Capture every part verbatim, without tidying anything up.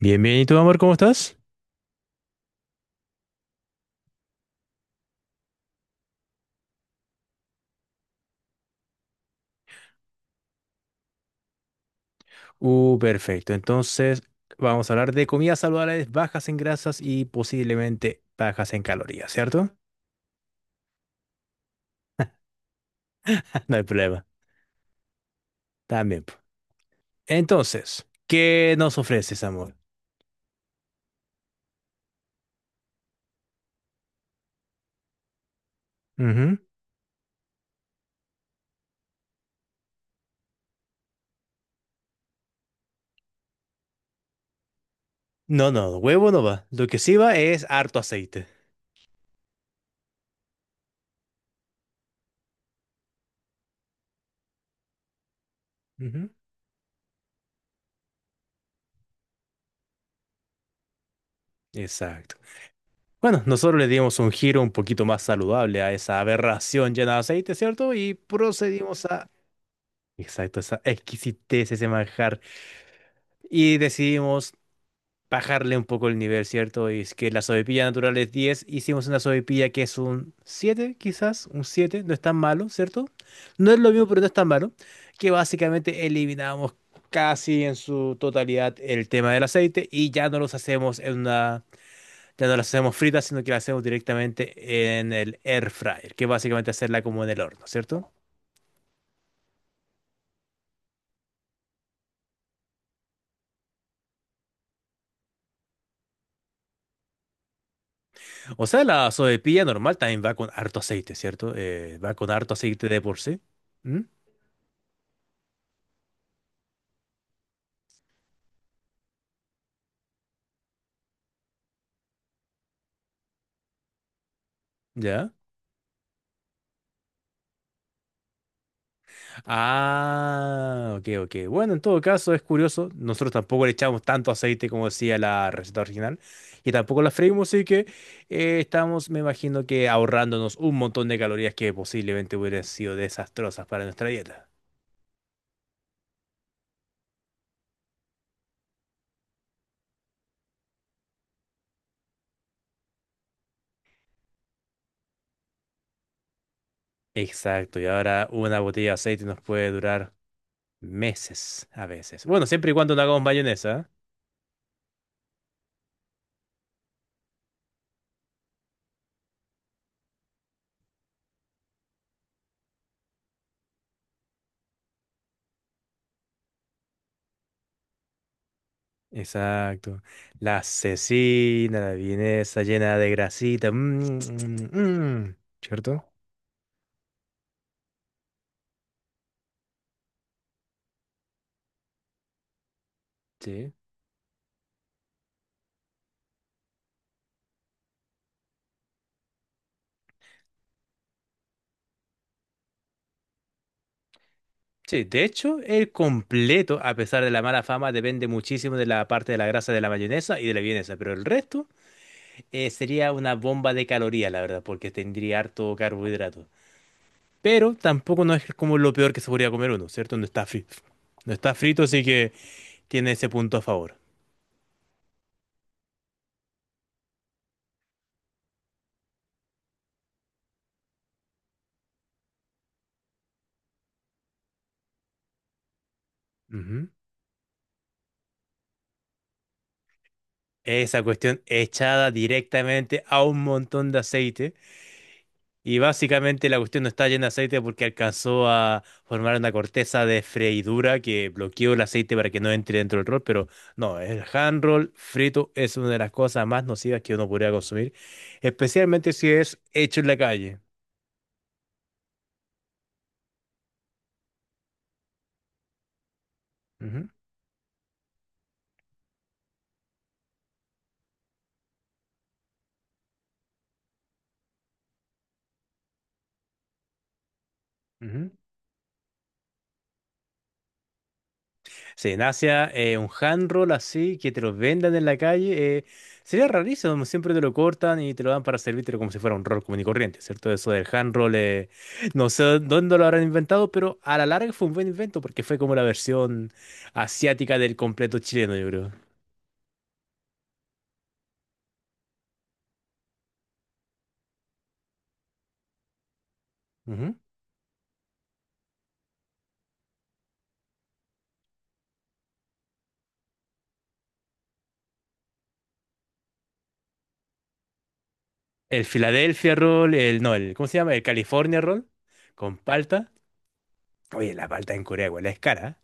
Bien, bien. ¿Y tú, amor, cómo estás? Uh, perfecto. Entonces, vamos a hablar de comidas saludables, bajas en grasas y posiblemente bajas en calorías, ¿cierto? No hay problema. También. Po. Entonces, ¿qué nos ofreces, amor? Ujú. No, no, huevo no va. Lo que sí va es harto aceite. Ujú. Exacto. Bueno, nosotros le dimos un giro un poquito más saludable a esa aberración llena de aceite, ¿cierto? Y procedimos a... Exacto, esa exquisitez, ese manjar. Y decidimos bajarle un poco el nivel, ¿cierto? Y es que la sobrepilla natural es diez, hicimos una sobrepilla que es un siete, quizás, un siete, no es tan malo, ¿cierto? No es lo mismo, pero no es tan malo, que básicamente eliminamos casi en su totalidad el tema del aceite y ya no los hacemos en una, ya no las hacemos fritas, sino que las hacemos directamente en el air fryer, que básicamente hacerla como en el horno, ¿cierto? O sea, la sobrepilla normal también va con harto aceite, ¿cierto? Eh, va con harto aceite de por sí. ¿Mm? ¿Ya? Ah, ok, ok. Bueno, en todo caso es curioso. Nosotros tampoco le echamos tanto aceite como decía la receta original y tampoco la freímos, así que eh, estamos, me imagino que ahorrándonos un montón de calorías que posiblemente hubieran sido desastrosas para nuestra dieta. Exacto, y ahora una botella de aceite nos puede durar meses a veces. Bueno, siempre y cuando no hagamos mayonesa. ¿Eh? Exacto. La cecina, la vienesa llena de grasita. mm, mm, mm, mm, ¿Cierto? Sí, de hecho, el completo, a pesar de la mala fama, depende muchísimo de la parte de la grasa de la mayonesa y de la vienesa, pero el resto eh, sería una bomba de calorías, la verdad, porque tendría harto carbohidrato. Pero tampoco no es como lo peor que se podría comer uno, ¿cierto? No está frito. No está frito, así que tiene ese punto a favor. Ujú. Esa cuestión echada directamente a un montón de aceite. Y básicamente la cuestión no está llena de aceite porque alcanzó a formar una corteza de freidura que bloqueó el aceite para que no entre dentro del rol, pero no, el hand roll frito es una de las cosas más nocivas que uno podría consumir, especialmente si es hecho en la calle. Ujú, ujú. Sí, en Asia, eh, un hand roll así, que te lo vendan en la calle, eh, sería rarísimo. Siempre te lo cortan y te lo dan para servírtelo como si fuera un roll común y corriente, ¿cierto? Eso del hand roll, eh, no sé dónde lo habrán inventado, pero a la larga fue un buen invento porque fue como la versión asiática del completo chileno, yo creo. Ujú. El Philadelphia roll, el, no, el, ¿cómo se llama? El California roll, con palta. Oye, la palta en Corea igual es cara.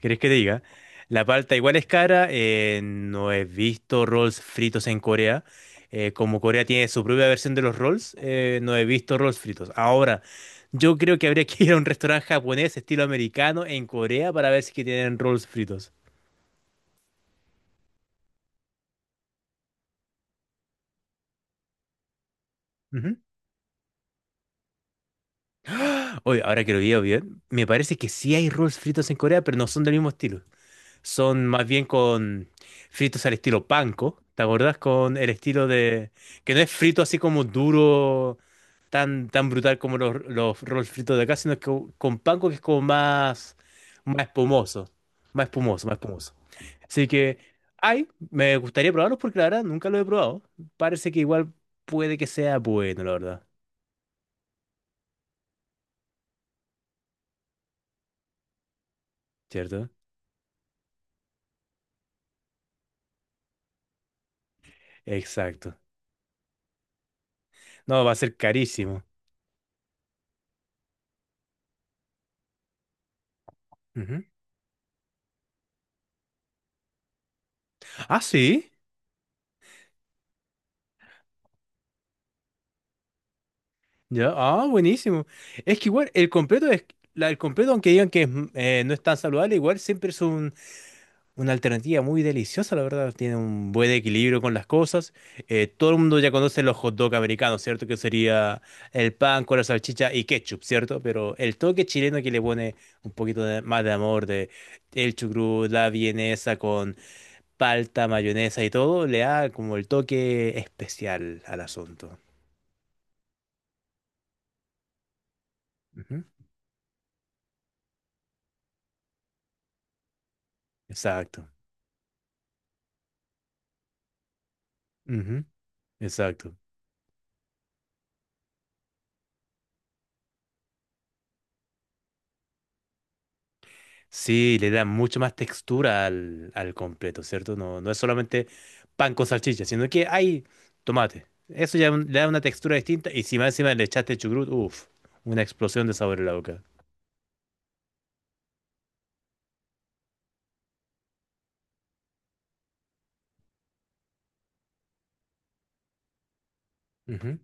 ¿Querés que te diga? La palta igual es cara. Eh, no he visto rolls fritos en Corea. Eh, como Corea tiene su propia versión de los rolls, eh, no he visto rolls fritos. Ahora, yo creo que habría que ir a un restaurante japonés estilo americano en Corea para ver si que tienen rolls fritos. Ujú. Oye, ahora que lo veo bien, me parece que sí hay rolls fritos en Corea, pero no son del mismo estilo. Son más bien con fritos al estilo panko. ¿Te acordás? Con el estilo de... Que no es frito así como duro, tan, tan brutal como los, los rolls fritos de acá, sino que con panko que es como más, más espumoso. Más espumoso, más espumoso. Así que ay, me gustaría probarlos porque la verdad nunca lo he probado. Parece que igual puede que sea bueno, la verdad. ¿Cierto? Exacto. No, va a ser carísimo. Ujú. Ah, sí. Ya, ah, buenísimo. Es que igual el completo es, la- el completo, aunque digan que es, mm, eh, no es tan saludable, igual siempre es un- una alternativa muy deliciosa, la verdad. Tiene un buen equilibrio con las cosas. Eh, todo el mundo ya conoce los hot dog americanos, ¿cierto? Que sería el pan con la salchicha y ketchup, ¿cierto? Pero el toque chileno que le pone un poquito de- más de amor, de el chucrut, la vienesa con palta, mayonesa y todo, le da como el toque especial al asunto. Ujú, exacto. Exacto. Sí, le da mucho más textura al, al completo, ¿cierto? No, no es solamente pan con salchicha, sino que hay tomate. Eso ya un- le da una textura distinta y si más encima le echaste chucrut, uff, una explosión de sabor en la boca. Ujú.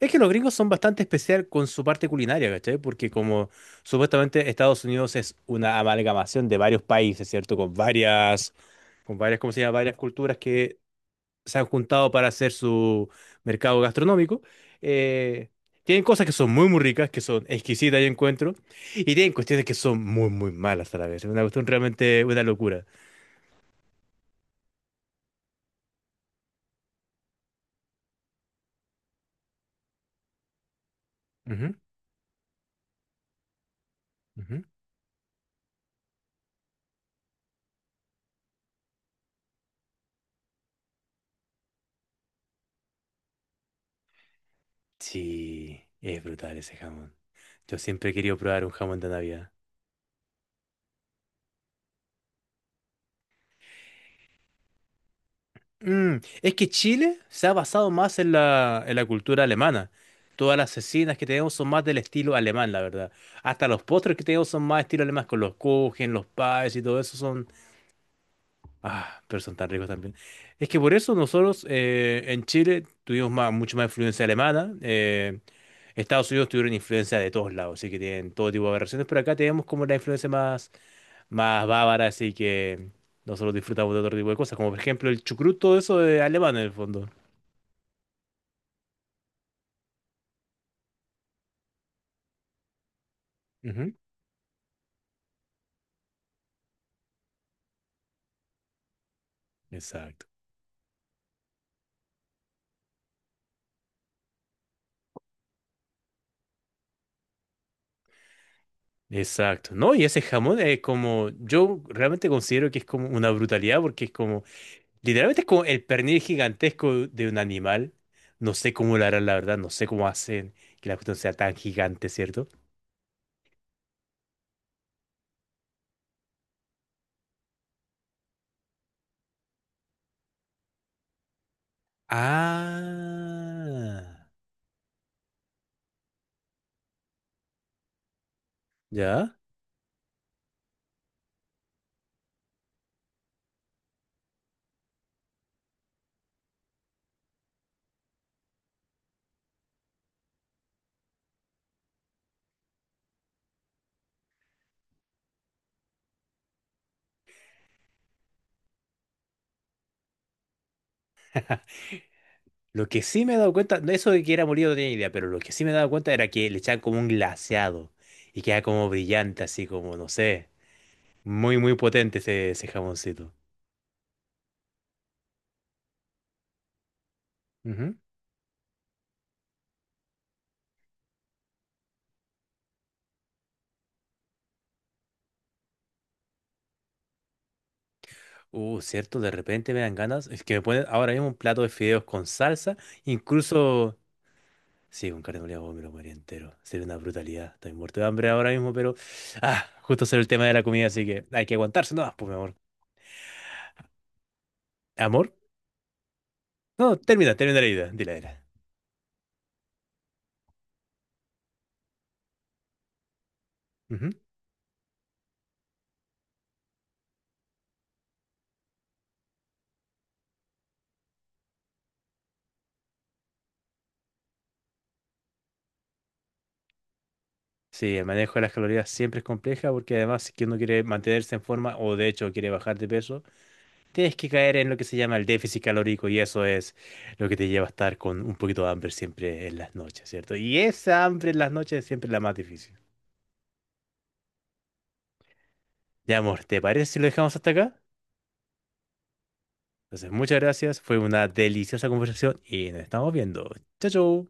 Es que los gringos son bastante especial con su parte culinaria, ¿cachai? Porque como supuestamente Estados Unidos es una amalgamación de varios países, ¿cierto? Con varias, con varias, ¿cómo se llama? Varias culturas que se han juntado para hacer su mercado gastronómico. Eh, Tienen cosas que son muy, muy ricas, que son exquisitas, yo encuentro, y tienen cuestiones que son muy, muy malas a la vez. Es una cuestión realmente una locura. Ujú, ujú. Sí, es brutal ese jamón. Yo siempre he querido probar un jamón de Navidad. Mm, es que Chile se ha basado más en la, en la cultura alemana. Todas las cecinas que tenemos son más del estilo alemán, la verdad. Hasta los postres que tenemos son más estilo alemán, con los kuchen, los pies y todo eso. Ah, pero son tan ricos también. Es que por eso nosotros eh, en Chile tuvimos más, mucho más influencia alemana. eh, Estados Unidos tuvieron influencia de todos lados, así que tienen todo tipo de aberraciones, pero acá tenemos como la influencia más, más bávara, así que nosotros disfrutamos de otro tipo de cosas, como por ejemplo el chucrut, todo eso de alemán en el fondo. Ujú. Exacto. Exacto. No, y ese jamón es como, yo realmente considero que es como una brutalidad porque es como... Literalmente es como el pernil gigantesco de un animal. No sé cómo lo harán, la verdad. No sé cómo hacen que la cuestión sea tan gigante, ¿cierto? Ah, ya. Lo que sí me he dado cuenta, no, eso de que era molido no tenía idea, pero lo que sí me he dado cuenta era que le echaban como un glaseado y queda como brillante, así como, no sé, muy, muy potente ese, ese jamoncito. Ujú. Uh, cierto, de repente me dan ganas, es que me ponen ahora mismo un plato de fideos con salsa, incluso sí, con carne molida, oh, me lo comería entero. Sería una brutalidad. Estoy muerto de hambre ahora mismo, pero. Ah, justo salió el tema de la comida, así que hay que aguantarse, ¿no? Pues, mi amor. ¿Amor? No, termina, termina la idea. Dile, dile. Ujú. Sí, el manejo de las calorías siempre es compleja porque además, si es que uno quiere mantenerse en forma o de hecho quiere bajar de peso, tienes que caer en lo que se llama el déficit calórico y eso es lo que te lleva a estar con un poquito de hambre siempre en las noches, ¿cierto? Y esa hambre en las noches es siempre la más difícil. Ya, amor, ¿te parece si lo dejamos hasta acá? Entonces, muchas gracias. Fue una deliciosa conversación y nos estamos viendo. Chao, chao.